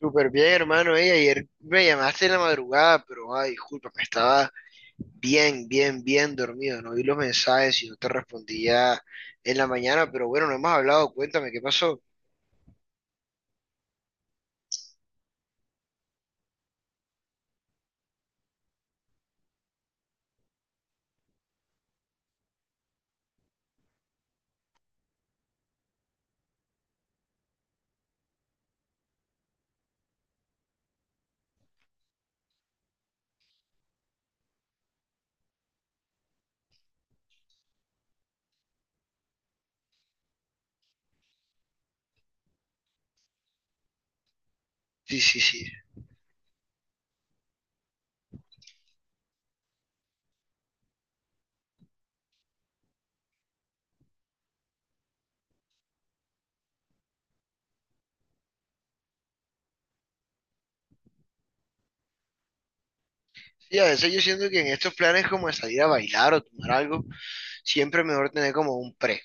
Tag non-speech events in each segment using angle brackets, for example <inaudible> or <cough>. Súper bien, hermano. Ey, ayer me llamaste en la madrugada, pero ay, disculpa, me estaba bien dormido. No vi los mensajes y no te respondía en la mañana, pero bueno, no hemos hablado. Cuéntame qué pasó. Sí, sí, sí. Sí, a veces yo siento que en estos planes como de salir a bailar o tomar algo, siempre es mejor tener como un pre,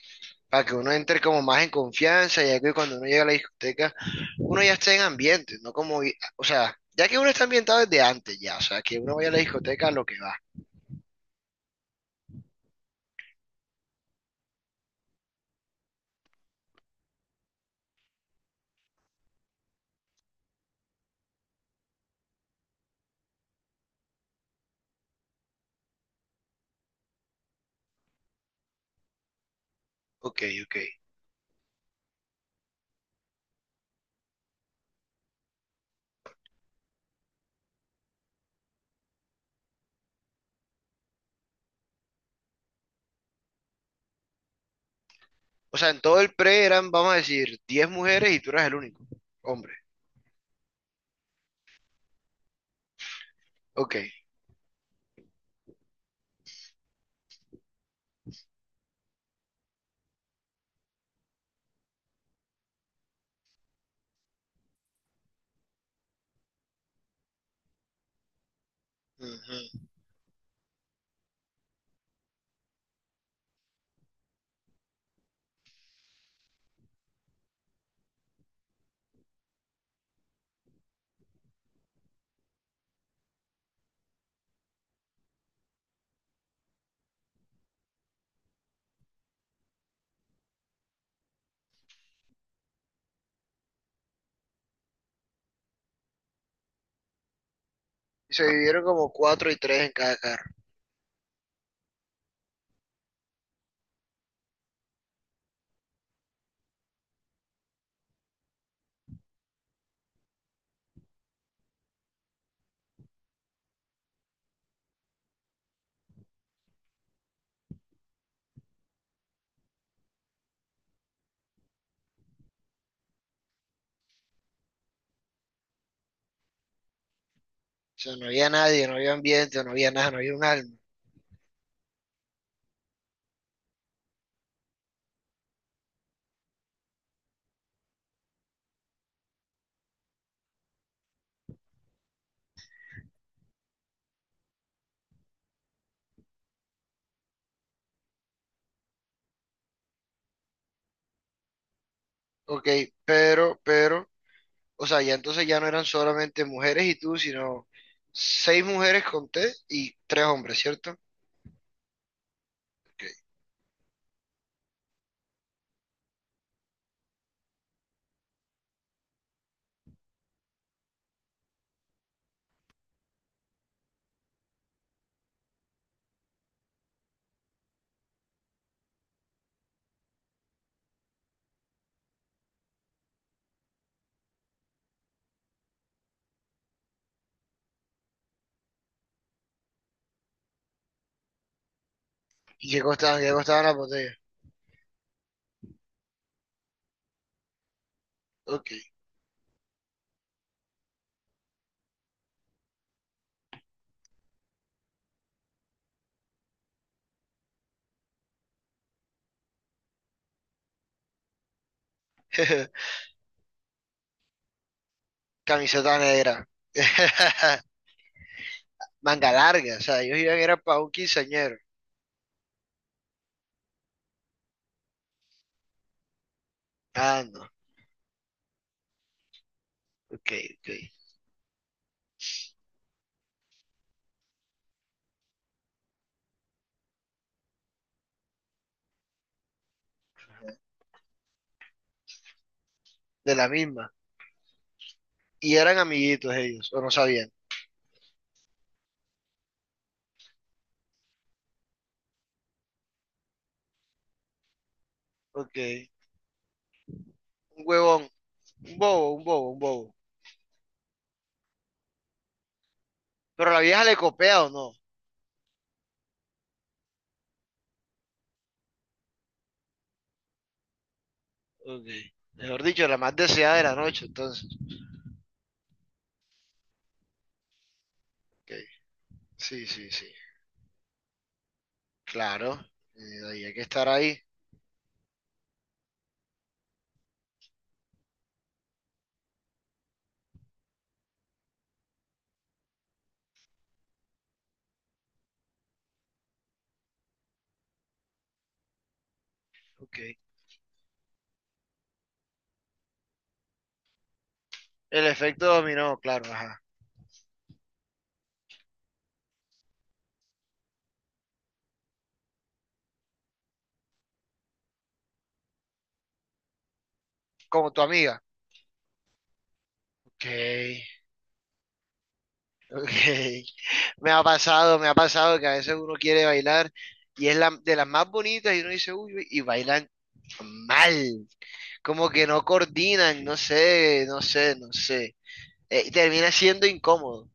para que uno entre como más en confianza, ya que cuando uno llega a la discoteca, uno ya está en ambiente, no como, o sea, ya que uno está ambientado desde antes ya, o sea, que uno vaya a la discoteca a lo que va. Ok, ok. O sea, en todo el pre eran, vamos a decir, 10 mujeres y tú eras el único hombre. Ok. Ujú. Y se dividieron como cuatro y tres en cada carro. O sea, no había nadie, no había ambiente, no había nada, no había un alma. Ok, pero, o sea, ya entonces ya no eran solamente mujeres y tú, sino seis mujeres conté y tres hombres, ¿cierto? Ok, ¿y qué costaban? ¿Qué costaban las botellas? Ok. <laughs> Camiseta negra. <laughs> Manga larga. O sea, ellos iban era para un quinceañero. Ah, no, ok, ok. De la misma. Y eran amiguitos ellos, o no sabían. Ok. Un huevón, un bobo, un bobo, un bobo. Pero la vieja le copea o no. Ok. Mejor dicho, la más deseada de la noche, entonces. Ok. Sí, sí, sí. Claro. Eh, ahí hay que estar ahí. Ok. El efecto dominó, claro, ajá. Como tu amiga. Ok, <laughs> ok. Me ha pasado que a veces uno quiere bailar y es la, de las más bonitas y uno dice, uy, uy", y bailan mal, como que no coordinan, no sé, no sé, no sé. Y termina siendo incómodo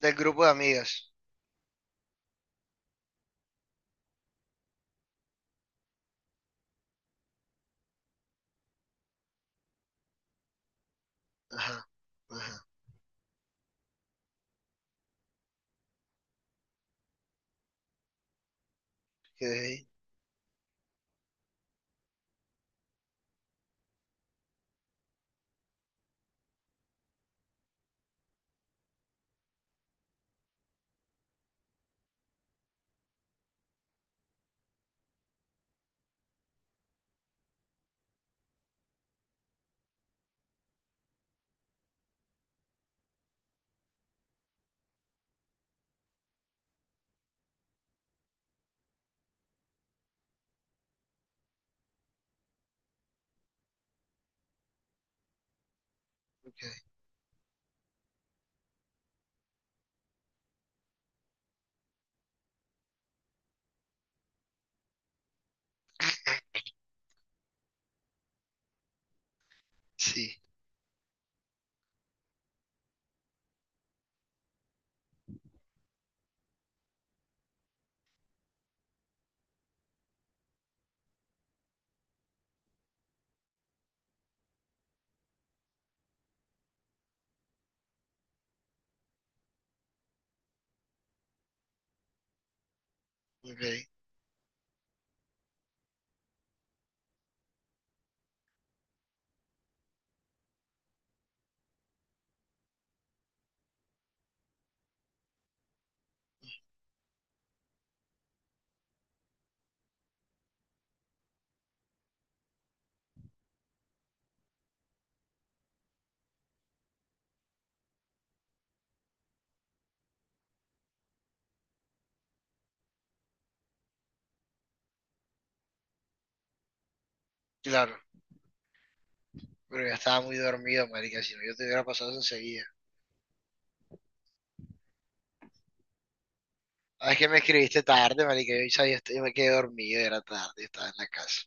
del grupo de amigas. Ajá, ajá. Okay, ok, sí, ok. Claro, pero ya estaba muy dormido, marica, si no yo te hubiera pasado eso enseguida. Ah, es que me escribiste tarde, marica, yo, ya- yo me quedé dormido, era tarde, estaba en la casa.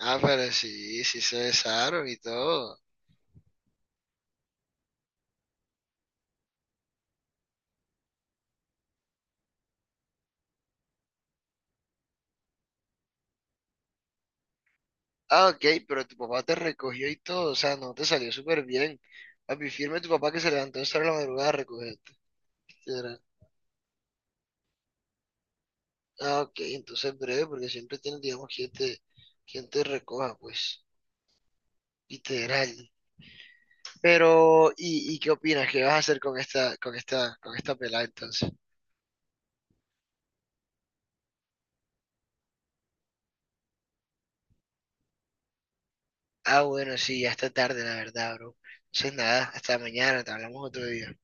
Ah, pero sí, sí se besaron y todo. Ah, ok, pero tu papá te recogió y todo, o sea, no te salió súper bien. Papi, firme tu papá que se levantó a estar la madrugada a recogerte. Ah, ok, entonces breve, porque siempre tienes, digamos, quien te recoja, pues, literal. Pero, y qué opinas? ¿Qué vas a hacer con esta, con esta, con esta pelada entonces? Ah, bueno, sí, ya está tarde, la verdad, bro. Entonces nada, hasta mañana, te hablamos otro día.